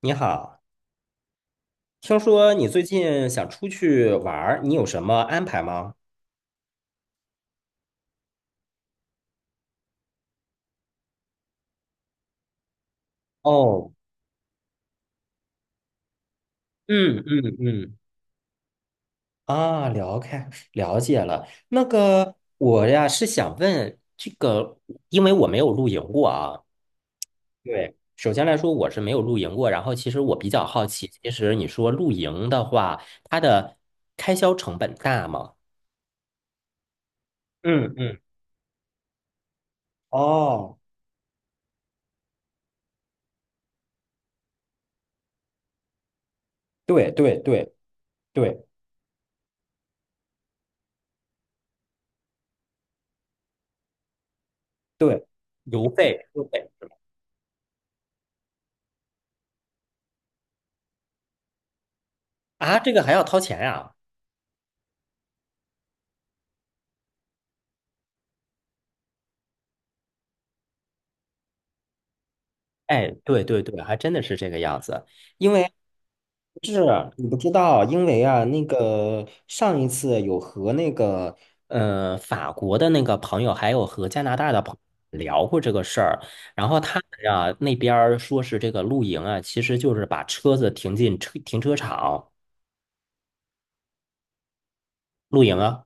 你好，听说你最近想出去玩儿，你有什么安排吗？哦。嗯嗯嗯。啊，了解了。那个我呀是想问这个，因为我没有露营过啊。对，首先来说我是没有露营过，然后其实我比较好奇，其实你说露营的话，它的开销成本大吗？嗯嗯。哦。对对对对对，邮费，邮费。啊，这个还要掏钱呀？哎，对对对，还真的是这个样子。因为是你不知道，因为啊，那个上一次有和那个法国的那个朋友，还有和加拿大的朋友聊过这个事儿，然后他们啊那边儿说是这个露营啊，其实就是把车子停进停车场露营啊。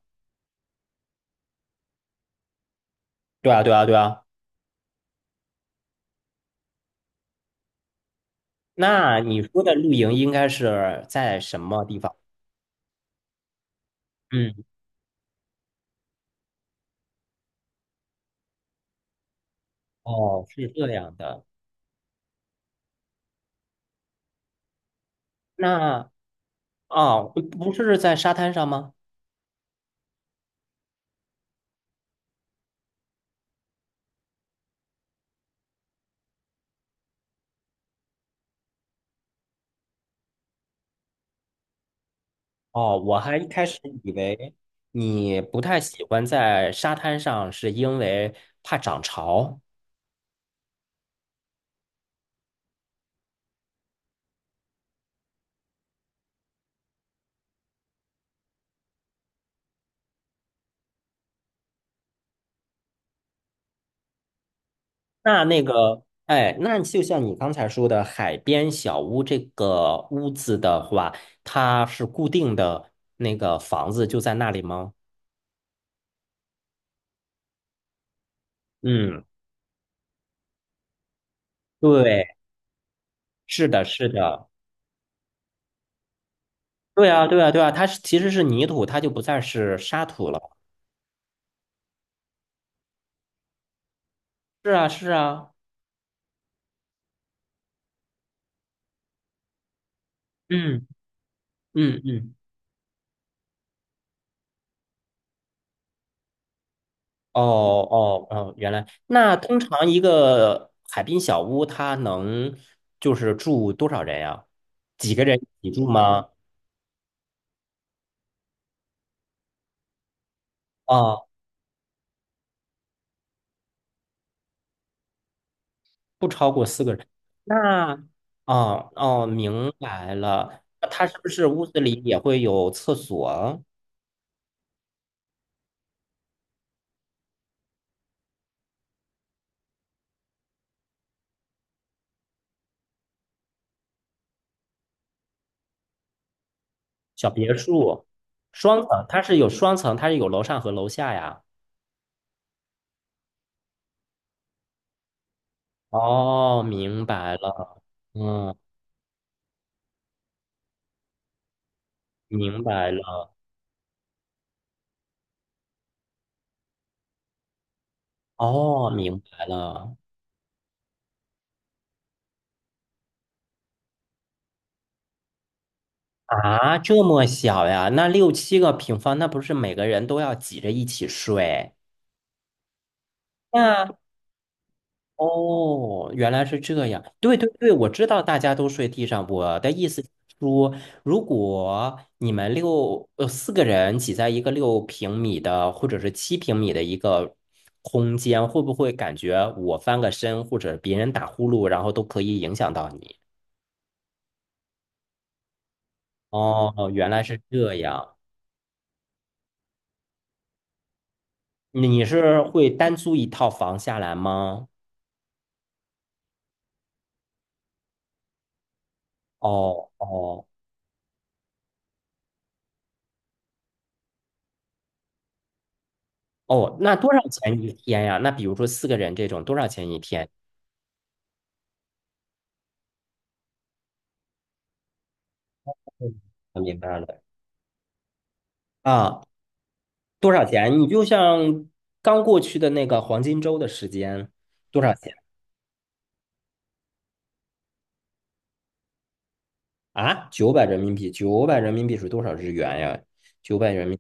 对啊，对啊，对啊。那你说的露营应该是在什么地方？嗯。哦，是这样的。那哦，不不是在沙滩上吗？哦，我还一开始以为你不太喜欢在沙滩上，是因为怕涨潮。那那个，哎，那就像你刚才说的，海边小屋这个屋子的话，它是固定的那个房子就在那里吗？嗯，对，是的，是的。对啊，对啊，对啊，它是其实是泥土，它就不再是沙土了。是啊，是啊。嗯嗯嗯。哦哦哦，原来那通常一个海滨小屋，它能就是住多少人呀？几个人一起住吗？哦，不超过四个人。那哦哦，明白了。那它是不是屋子里也会有厕所？小别墅，双层，它是有双层，它是有楼上和楼下呀。哦，明白了。嗯，明白了。哦，明白了。啊，这么小呀？那六七个平方，那不是每个人都要挤着一起睡？那哦，原来是这样。对对对，我知道大家都睡地上。我的意思是说，如果你们四个人挤在一个6平米的或者是7平米的一个空间，会不会感觉我翻个身或者别人打呼噜，然后都可以影响到你？哦，原来是这样。你是会单租一套房下来吗？哦哦哦，那多少钱一天呀？那比如说四个人这种，多少钱一天？嗯，我明白了。啊，多少钱？你就像刚过去的那个黄金周的时间，多少钱啊？九百人民币，九百人民币是多少日元呀？九百人民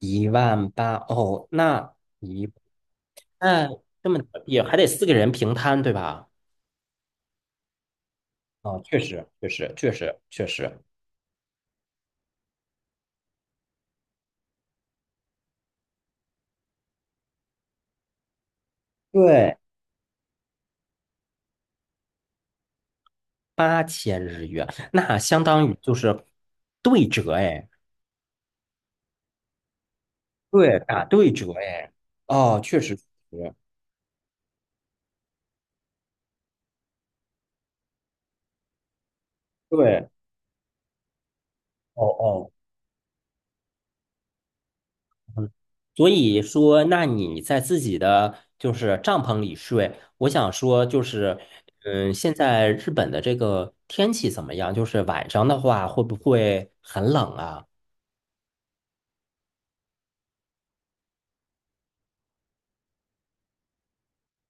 1万8哦，一那这么也还得4个人平摊对吧？啊，确实，确实，确实，确实。对，8000日元，那相当于就是对折哎。对，打对折哎。哦，确实是。对。哦哦。嗯。所以说，那你在自己的就是帐篷里睡，我想说就是，嗯，现在日本的这个天气怎么样？就是晚上的话会不会很冷啊？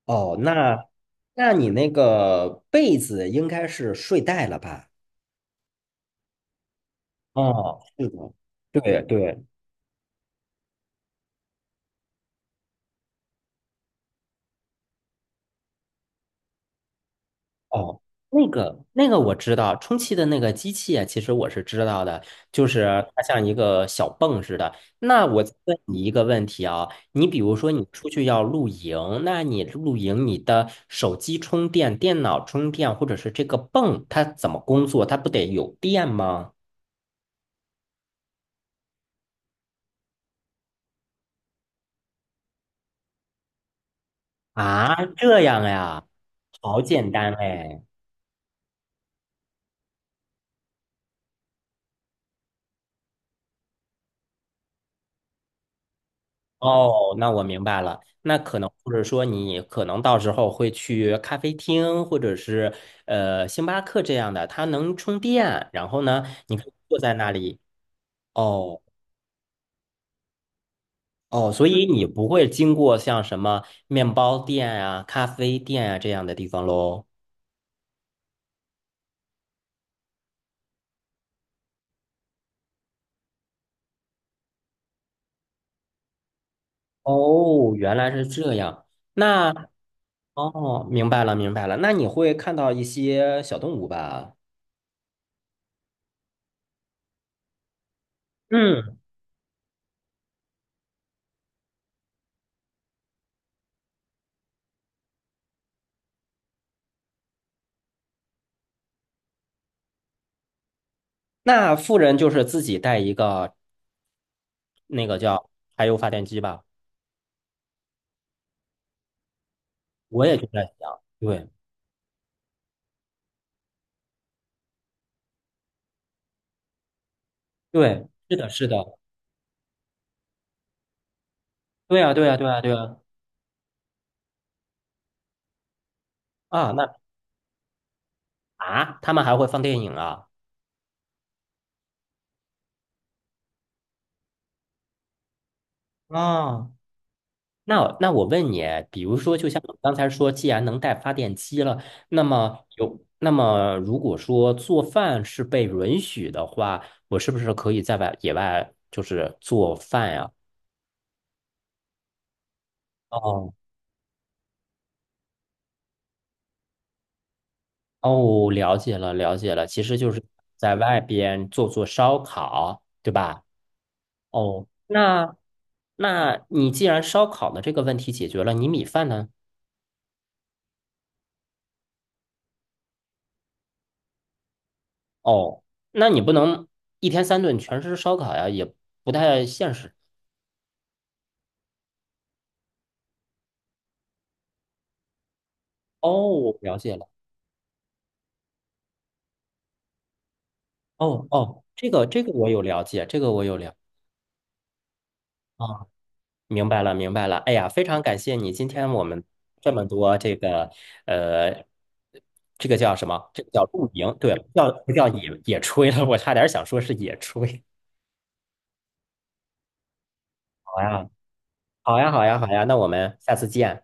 哦，那你那个被子应该是睡袋了吧？哦，是的，对对。哦，那个我知道，充气的那个机器啊，其实我是知道的，就是它像一个小泵似的。那我再问你一个问题啊，你比如说你出去要露营，那你露营你的手机充电、电脑充电，或者是这个泵，它怎么工作？它不得有电吗？啊，这样呀，好简单哎。哦，那我明白了。那可能或者说你可能到时候会去咖啡厅，或者是星巴克这样的，它能充电。然后呢，你可以坐在那里。哦哦，所以你不会经过像什么面包店啊、咖啡店啊这样的地方喽？哦，原来是这样。那哦，明白了，明白了。那你会看到一些小动物吧？嗯。那富人就是自己带一个那个叫柴油发电机吧？我也就在想，对，对，是的，是的，对啊，对啊，对啊，对啊。啊，那啊，他们还会放电影啊？啊，那我问你，比如说，就像我刚才说，既然能带发电机了，那么如果说做饭是被允许的话，我是不是可以在外野外就是做饭呀？哦哦，了解了，了解了，其实就是在外边做做烧烤，对吧？哦，那你既然烧烤的这个问题解决了，你米饭呢？哦，那你不能1天3顿全是烧烤呀，也不太现实。哦，我了解了。哦哦，这个这个我有了解，这个我有了。啊，明白了明白了。哎呀，非常感谢你，今天我们这么多这个呃，这个叫什么？这个叫露营，对，不叫野野炊了，我差点想说是野炊。好呀好呀好呀好呀，那我们下次见，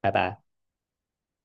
拜拜。